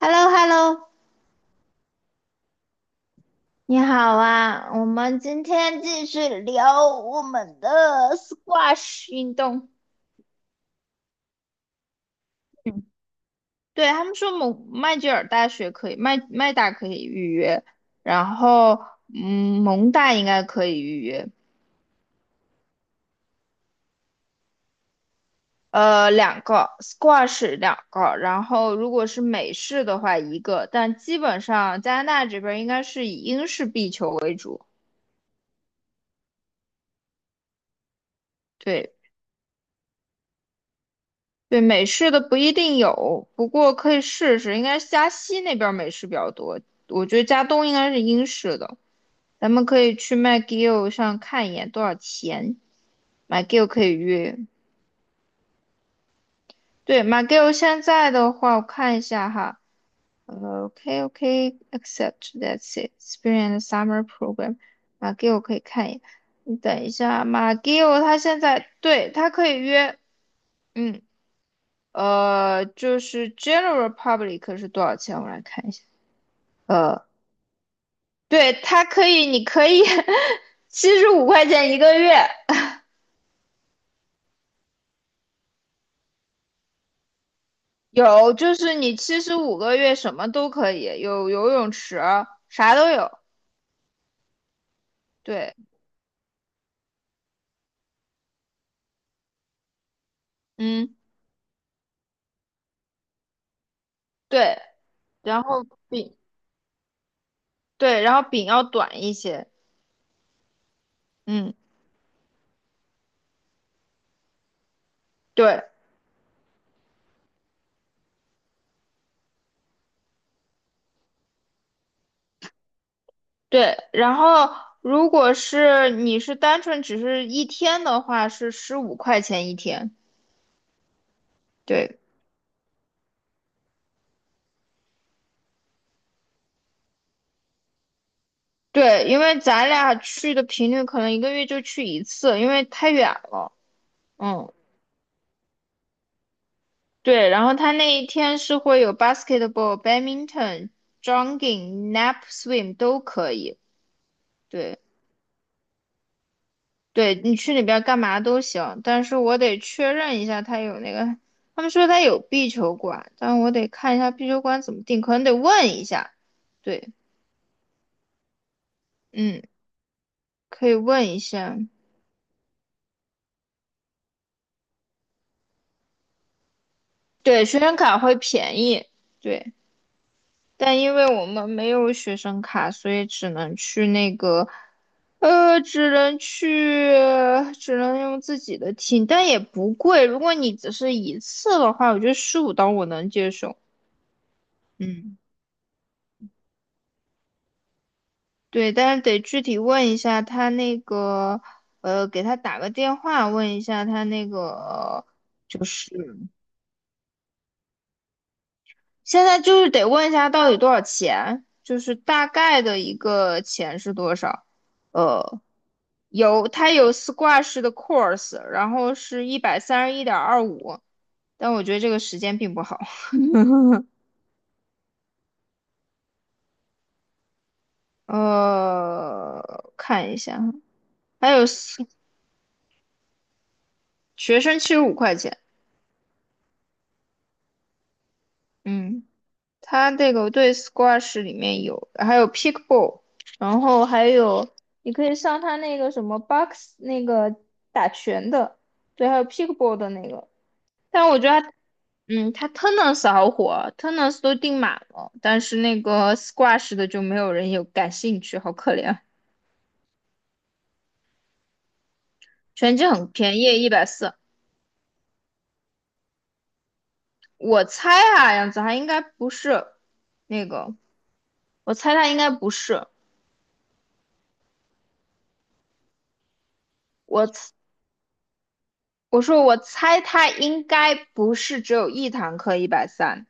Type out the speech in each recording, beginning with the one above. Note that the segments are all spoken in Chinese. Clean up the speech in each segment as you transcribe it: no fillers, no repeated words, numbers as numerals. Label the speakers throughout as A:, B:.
A: h e l l o h e l l o 你好啊！我们今天继续聊我们的 squash 运动。嗯，对，他们说蒙麦吉尔大学可以，麦大可以预约，然后蒙大应该可以预约。两个 squash 两个，然后如果是美式的话一个，但基本上加拿大这边应该是以英式壁球为主。对，对，美式的不一定有，不过可以试试，应该是加西那边儿美式比较多，我觉得加东应该是英式的，咱们可以去 McGill 上看一眼多少钱，McGill 可以约。对，McGill 现在的话，我看一下哈，OK OK accept that's it experience summer program McGill 可以看一眼，你等一下，McGill 他现在对他可以约，嗯，就是 general public 是多少钱？我来看一下。呃，对，它可以，你可以 七十五 块钱一个月，有，就是你七十五个月什么都可以，有游泳池，啥都有。对，嗯，对，然后饼，对，然后饼要短一些。嗯，对对，然后如果是你是单纯只是一天的话，是十五块钱一天。对。对，因为咱俩去的频率可能一个月就去一次，因为太远了。嗯，对。然后他那一天是会有 basketball、badminton、jogging、nap、swim 都可以。对，对你去里边干嘛都行，但是我得确认一下他有那个，他们说他有壁球馆，但我得看一下壁球馆怎么定，可能得问一下。对，嗯，可以问一下。对，学生卡会便宜。对。但因为我们没有学生卡，所以只能去那个，呃，只能去，只能用自己的听，但也不贵。如果你只是一次的话，我觉得十五刀我能接受。嗯，对，但是得具体问一下他那个，给他打个电话问一下他那个，就是现在就是得问一下到底多少钱，就是大概的一个钱是多少，呃。有，它有 squash 的 course，然后是一百三十一点二五，但我觉得这个时间并不好。看一下，还有 学生七十五块钱，嗯，它这个对 squash 里面有，还有 pickleball，然后还有你可以上它那个什么 box 那个打拳的，对，还有 pickleball 的那个，但我觉得它，它 Tennis 好火，Tennis 都订满了，但是那个 Squash 的就没有人有感兴趣，好可怜。拳击很便宜，140。我猜啊，样子涵应该不是那个，我猜他应该不是。我猜我说我猜他应该不是只有一堂课一百三，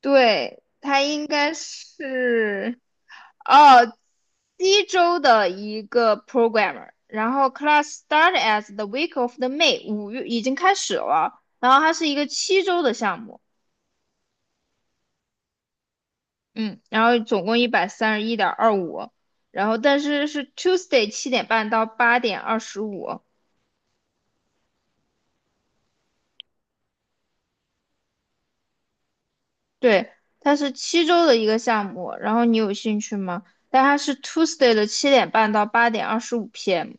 A: 对，他应该是哦，西周的一个 programmer，然后 class start as the week of the May，五月已经开始了，然后它是一个七周的项目，嗯，然后总共一百三十一点二五，然后但是是 Tuesday 七点半到8:25，对，它是七周的一个项目，然后你有兴趣吗？但它是 Tuesday 的七点半到8:25 PM，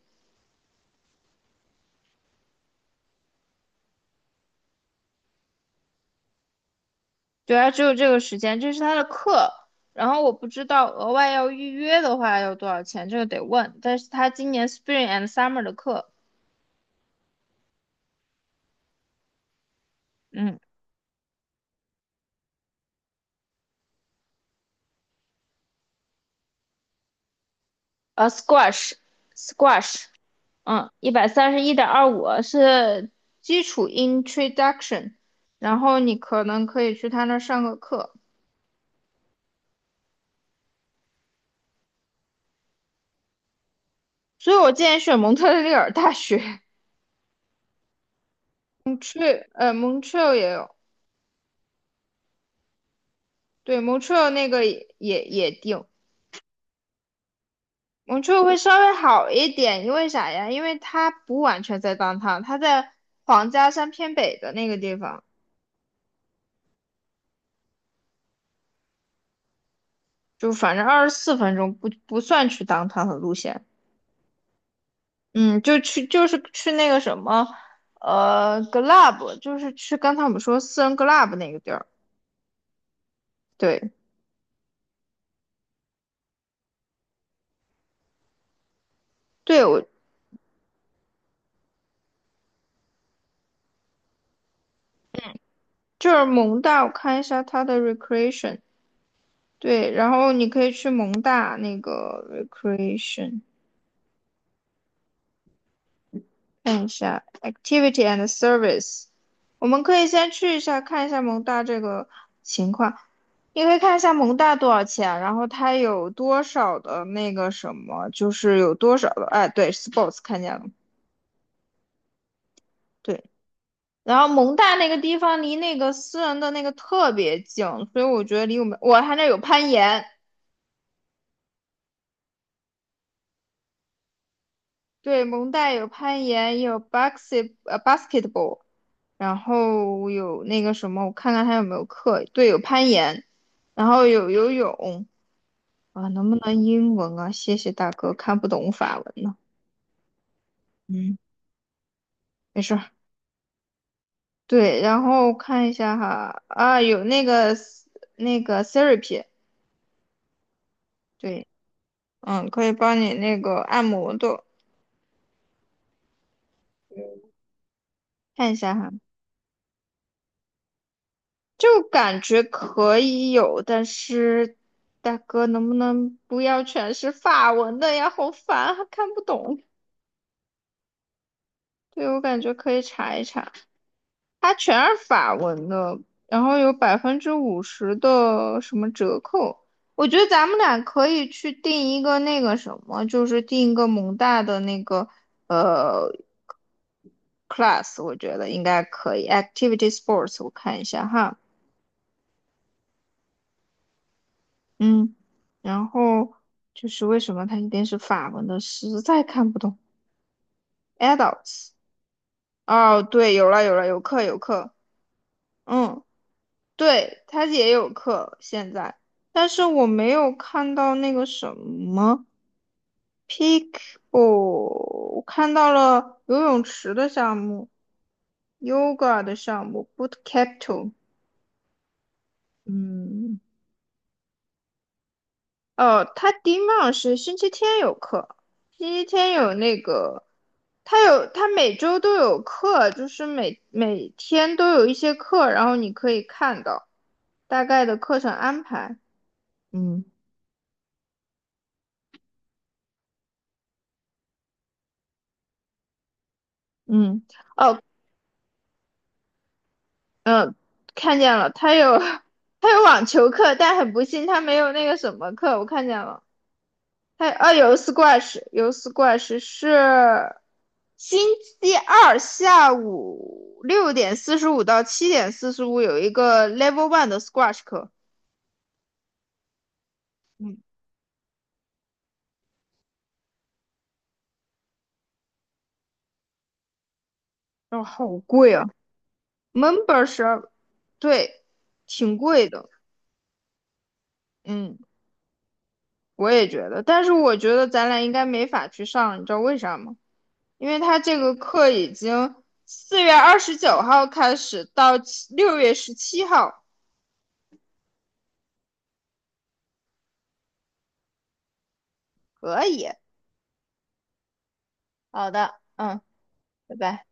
A: 对啊，只有这个时间，这是他的课。然后我不知道额外要预约的话要多少钱，这个得问。但是他今年 Spring and Summer 的课，嗯，Squash Squash，一百三十一点二五是基础 Introduction，然后你可能可以去他那儿上个课。所以我建议选蒙特利尔大学 蒙特，Montreal 也有，对 Montreal 那个也定，我觉得会稍微好一点，因为啥呀？因为它不完全在当 o w 它在皇家山偏北的那个地方，就反正24分钟不算去当 o 的路线，嗯，就是去那个什么，club，就是去刚才我们说私人 club 那个地儿，对对，我就是蒙大，我看一下它的 recreation，对，然后你可以去蒙大那个 recreation。看一下 activity and service，我们可以先去一下看一下蒙大这个情况。你可以看一下蒙大多少钱，然后它有多少的那个什么，就是有多少的，哎，对，sports 看见了，对。然后蒙大那个地方离那个私人的那个特别近，所以我觉得离我们，我他那有攀岩，对，蒙大有攀岩，有 basketball，然后有那个什么，我看看还有没有课。对，有攀岩，然后有游泳啊，能不能英文啊？谢谢大哥，看不懂法文呢。嗯，没事儿。对，然后看一下哈，啊，有那个therapy，对，可以帮你那个按摩的，看一下哈。就感觉可以有，但是大哥能不能不要全是法文的呀？好烦啊，还看不懂。对，我感觉可以查一查，它全是法文的，然后有50%的什么折扣。我觉得咱们俩可以去订一个那个什么，就是订一个蒙大的那个呃 class，我觉得应该可以。Activity sports，我看一下哈。嗯，然后就是为什么它一定是法文的，实在看不懂。Adults，哦，对，有了有了，有课有课，嗯，对，它也有课现在，但是我没有看到那个什么 p e a k 哦，我看到了游泳池的项目，yoga 的项目，boot capital，嗯。哦，他第一浪是星期天有课，星期天有那个，他每周都有课，就是每天都有一些课，然后你可以看到大概的课程安排。嗯嗯，哦嗯，看见了，他有 他有网球课，但很不幸他没有那个什么课，我看见了。还有啊，有 s 斯怪 h 是星期二下午6:45到7:45有一个 Level One 的 Squash 课，嗯，哦好贵啊，Membership，对，挺贵的，嗯，我也觉得，但是我觉得咱俩应该没法去上，你知道为啥吗？因为他这个课已经4月29号开始到6月17号，可以，好的，嗯，拜拜。